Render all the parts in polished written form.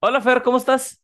Hola Fer, ¿cómo estás?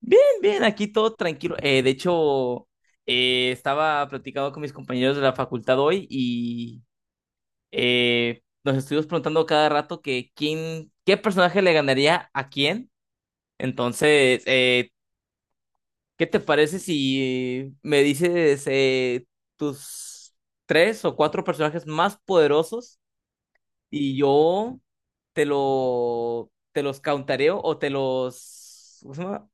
Bien, bien, aquí todo tranquilo. De hecho, estaba platicando con mis compañeros de la facultad hoy y nos estuvimos preguntando cada rato que qué personaje le ganaría a quién. Entonces, ¿qué te parece si me dices tus tres o cuatro personajes más poderosos y yo te los countareo ¿cómo se llama?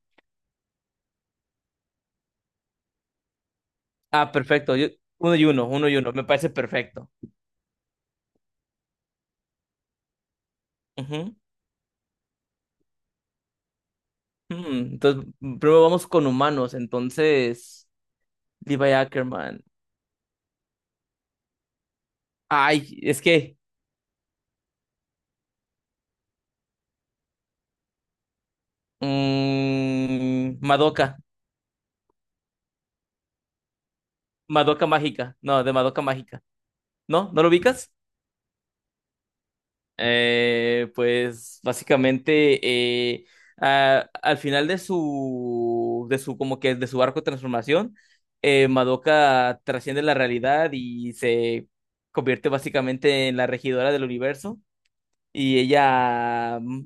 Ah, perfecto. Uno y uno, uno y uno. Me parece perfecto. Ujú. Entonces, primero vamos con humanos. Entonces, Levi Ackerman. Ay, es que. Madoka. Madoka Mágica. No, de Madoka Mágica. ¿No? ¿No lo ubicas? Pues básicamente eh, al final de su como que de su arco de transformación, Madoka trasciende la realidad y se convierte básicamente en la regidora del universo, y ella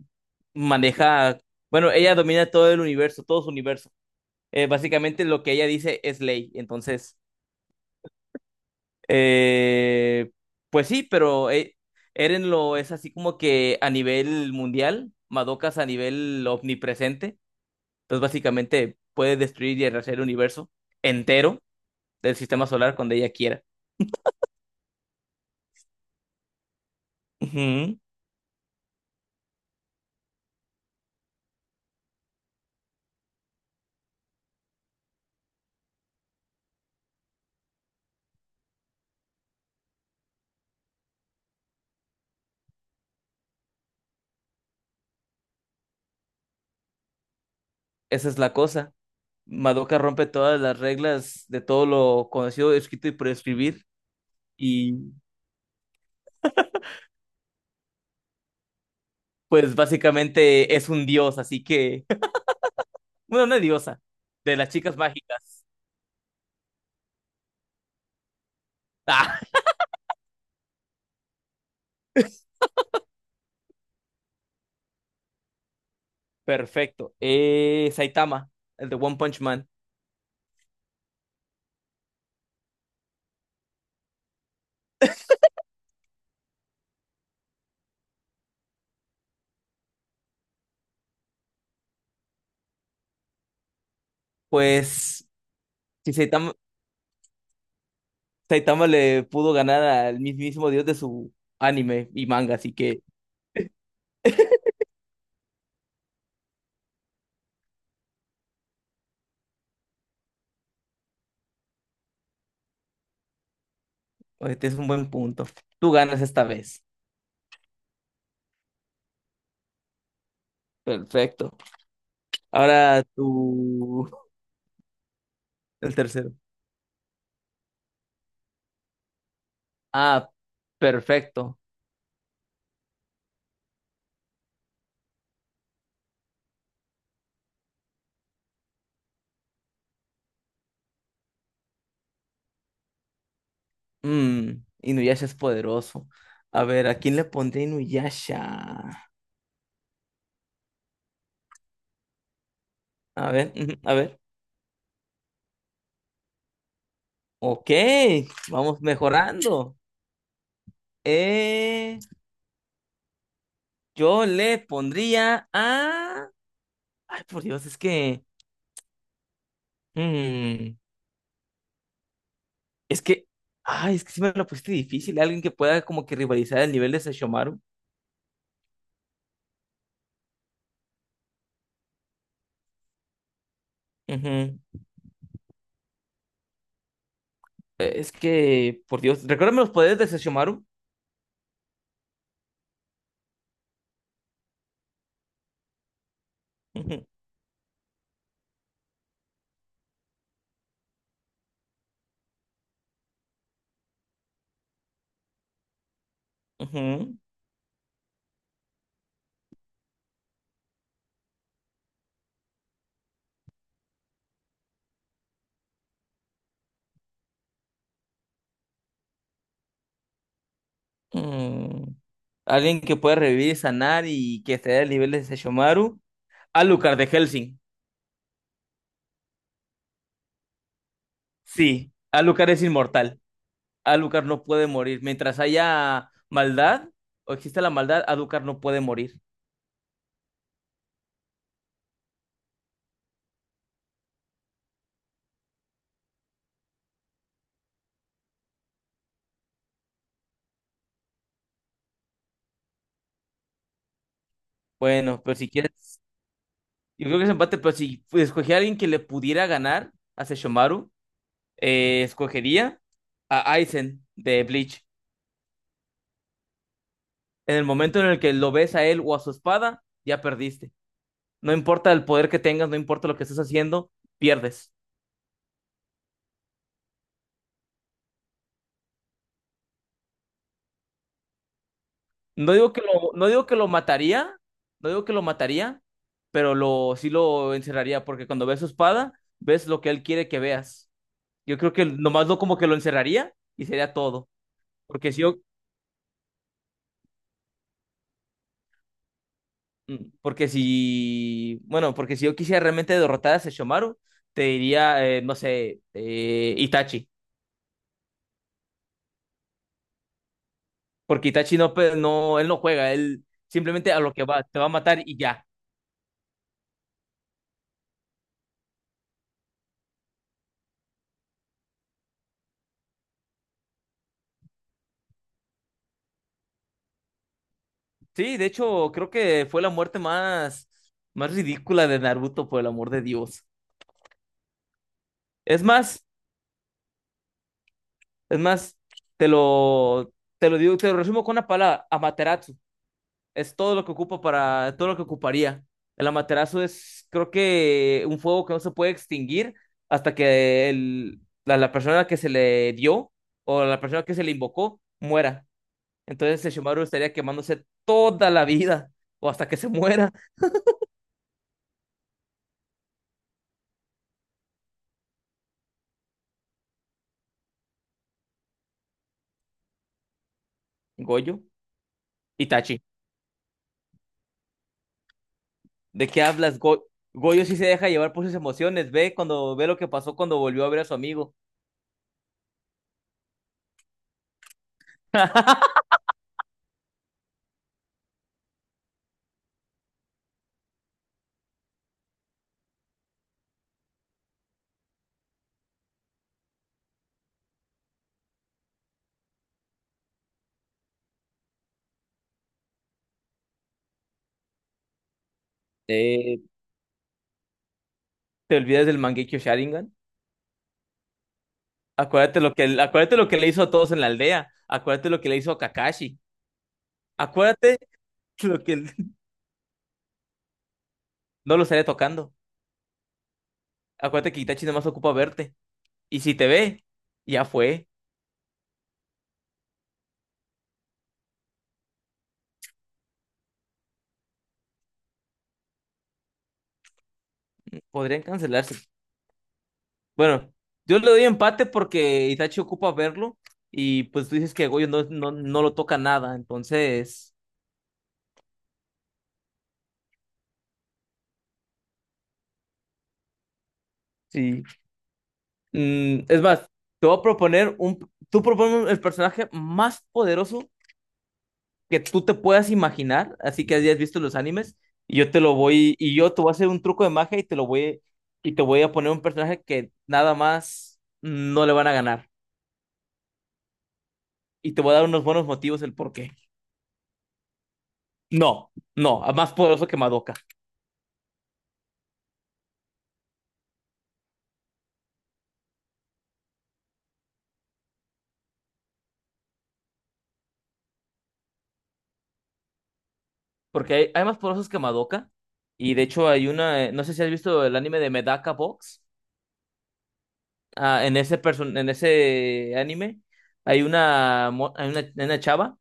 maneja, bueno, ella domina todo su universo. Básicamente lo que ella dice es ley. Entonces, eh, pues sí, pero Eren lo es así como que a nivel mundial, Madoka es a nivel omnipresente. Entonces básicamente puede destruir y arrasar el universo entero del sistema solar cuando ella quiera. Ujú. Esa es la cosa. Madoka rompe todas las reglas de todo lo conocido, escrito y por escribir, y pues básicamente es un dios, así que, bueno, una diosa de las chicas mágicas. Perfecto. Saitama, el de One Punch Man. Pues si Saitama, le pudo ganar al mismísimo dios de su anime y manga, así que este es un buen punto. Tú ganas esta vez. Perfecto. Ahora tú, el tercero. Ah, perfecto. Mm, Inuyasha es poderoso. A ver, ¿a quién le pondré Inuyasha? A ver, ujú, a ver. Ok, vamos mejorando. Eh... Yo le pondría a... Ay, por Dios, es que... mm, es que... Ay, es que sí me lo pusiste difícil. Alguien que pueda como que rivalizar el nivel de Sesshomaru. Ujú. Es que, por Dios, recuérdame los poderes de Sesshomaru. Ujú, ujú, mm. Alguien que pueda revivir y sanar y que esté al nivel de Sesshomaru. Alucard de Helsing. Sí, Alucard es inmortal. Alucard no puede morir. Mientras haya maldad o exista la maldad, Alucard no puede morir. Bueno, pero si quieres, yo creo que es empate, pero si escogía a alguien que le pudiera ganar a Sesshomaru, escogería a Aizen de Bleach. En el momento en el que lo ves a él o a su espada, ya perdiste. No importa el poder que tengas, no importa lo que estés haciendo, pierdes. No digo que lo mataría, no digo que lo mataría, sí lo encerraría, porque cuando ves su espada, ves lo que él quiere que veas. Yo creo que nomás lo como que lo encerraría y sería todo. Porque si yo, Mm, Porque si, bueno, porque si yo quisiera realmente derrotar a Sesshomaru, te diría, no sé, Itachi. Porque Itachi no, no, él no juega, él simplemente a lo que va, te va a matar y ya. Sí, de hecho, creo que fue la muerte más ridícula de Naruto, por el amor de Dios. Es más, es más, te lo digo, te lo resumo con una palabra, Amaterasu. Es todo lo que ocupa para, todo lo que ocuparía. El amaterasu es, creo que, un fuego que no se puede extinguir hasta que la persona que se le dio o la persona que se le invocó muera. Entonces el Shimaru estaría quemándose toda la vida o hasta que se muera. Goyo, Itachi, ¿de qué hablas? Goyo sí se deja llevar por sus emociones. Ve cuando ve lo que pasó cuando volvió a ver a su amigo. Eh, Te olvidas del Mangekyo Sharingan. Acuérdate lo que le hizo a todos en la aldea. Acuérdate lo que le hizo a Kakashi. Acuérdate lo que no lo estaría tocando. Acuérdate que Itachi nada más ocupa verte. Y si te ve, ya fue. Podrían cancelarse. Bueno, yo le doy empate porque Itachi ocupa verlo. Y pues tú dices que Goyo no, no, no lo toca nada. Entonces, sí. Es más, te voy a proponer un. Tú propones el personaje más poderoso que tú te puedas imaginar, así que hayas visto los animes, y yo te lo voy, y yo te voy a hacer un truco de magia y y te voy a poner un personaje que nada más no le van a ganar. Y te voy a dar unos buenos motivos el por qué. No, no, más poderoso que Madoka. Porque hay más poderosos que Madoka. Y de hecho no sé si has visto el anime de Medaka Box. Ah, en ese anime hay una chava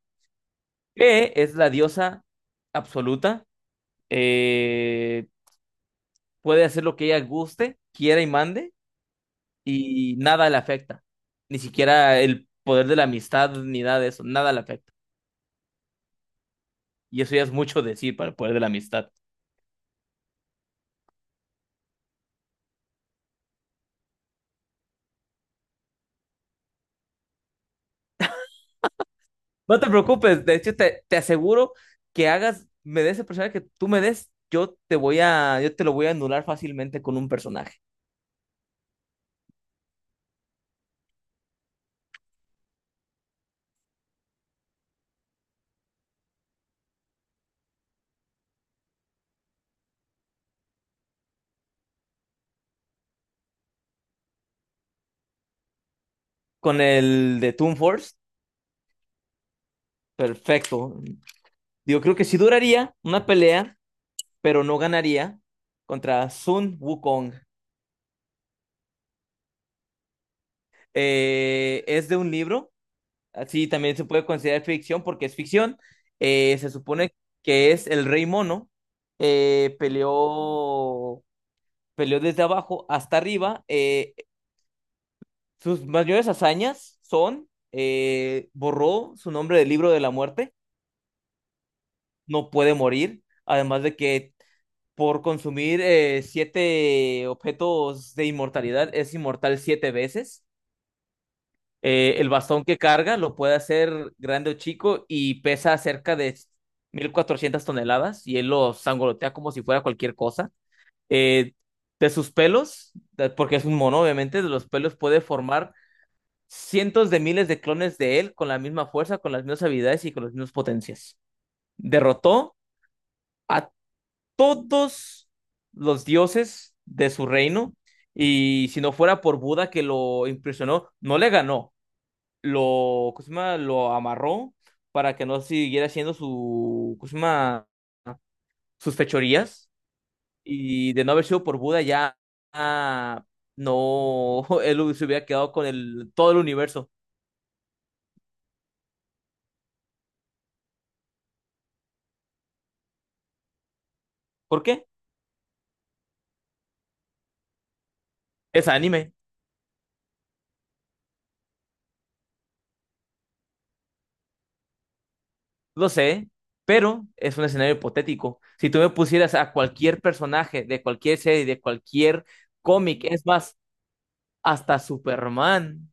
que es la diosa absoluta. Eh, Puede hacer lo que ella guste, quiera y mande, y nada le afecta. Ni siquiera el poder de la amistad, ni nada de eso, nada le afecta. Y eso ya es mucho decir para el poder de la amistad. No te preocupes, de hecho te aseguro que me des el personaje que tú me des, yo te lo voy a anular fácilmente con un personaje. Con el de Toon Force, perfecto. Yo creo que sí duraría una pelea, pero no ganaría contra Sun Wukong. Es de un libro. Así también se puede considerar ficción porque es ficción. Se supone que es el rey mono. Peleó, desde abajo hasta arriba. Sus mayores hazañas son, borró su nombre del libro de la muerte, no puede morir, además de que por consumir siete objetos de inmortalidad es inmortal siete veces. El bastón que carga lo puede hacer grande o chico y pesa cerca de 1400 toneladas, y él lo sangolotea como si fuera cualquier cosa. Eh, de sus pelos, porque es un mono, obviamente, de los pelos puede formar cientos de miles de clones de él con la misma fuerza, con las mismas habilidades y con las mismas potencias. Derrotó a todos los dioses de su reino, y si no fuera por Buda que lo impresionó, no le ganó, lo, ¿cómo se llama? Lo amarró para que no siguiera haciendo su, ¿cómo se llama? Sus fechorías. Y de no haber sido por Buda, ya ah, no, él se hubiera quedado con todo el universo. ¿Por qué? Es anime, lo sé, pero es un escenario hipotético. Si tú me pusieras a cualquier personaje de cualquier serie, de cualquier cómic, es más, hasta Superman.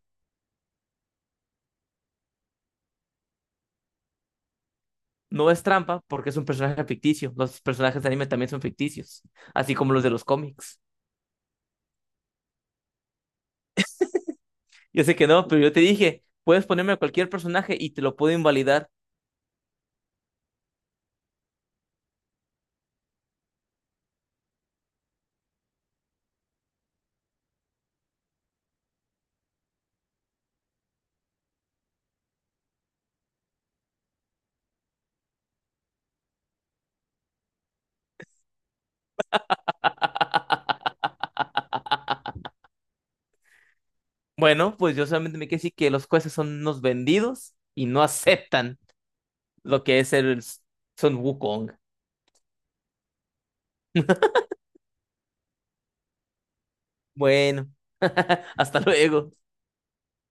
No es trampa porque es un personaje ficticio. Los personajes de anime también son ficticios, así como los de los cómics. Yo sé que no, pero yo te dije, puedes ponerme a cualquier personaje y te lo puedo invalidar. Bueno, pues yo solamente me quedé decir que los jueces son unos vendidos y no aceptan lo que es el Son Wukong. Bueno, hasta luego.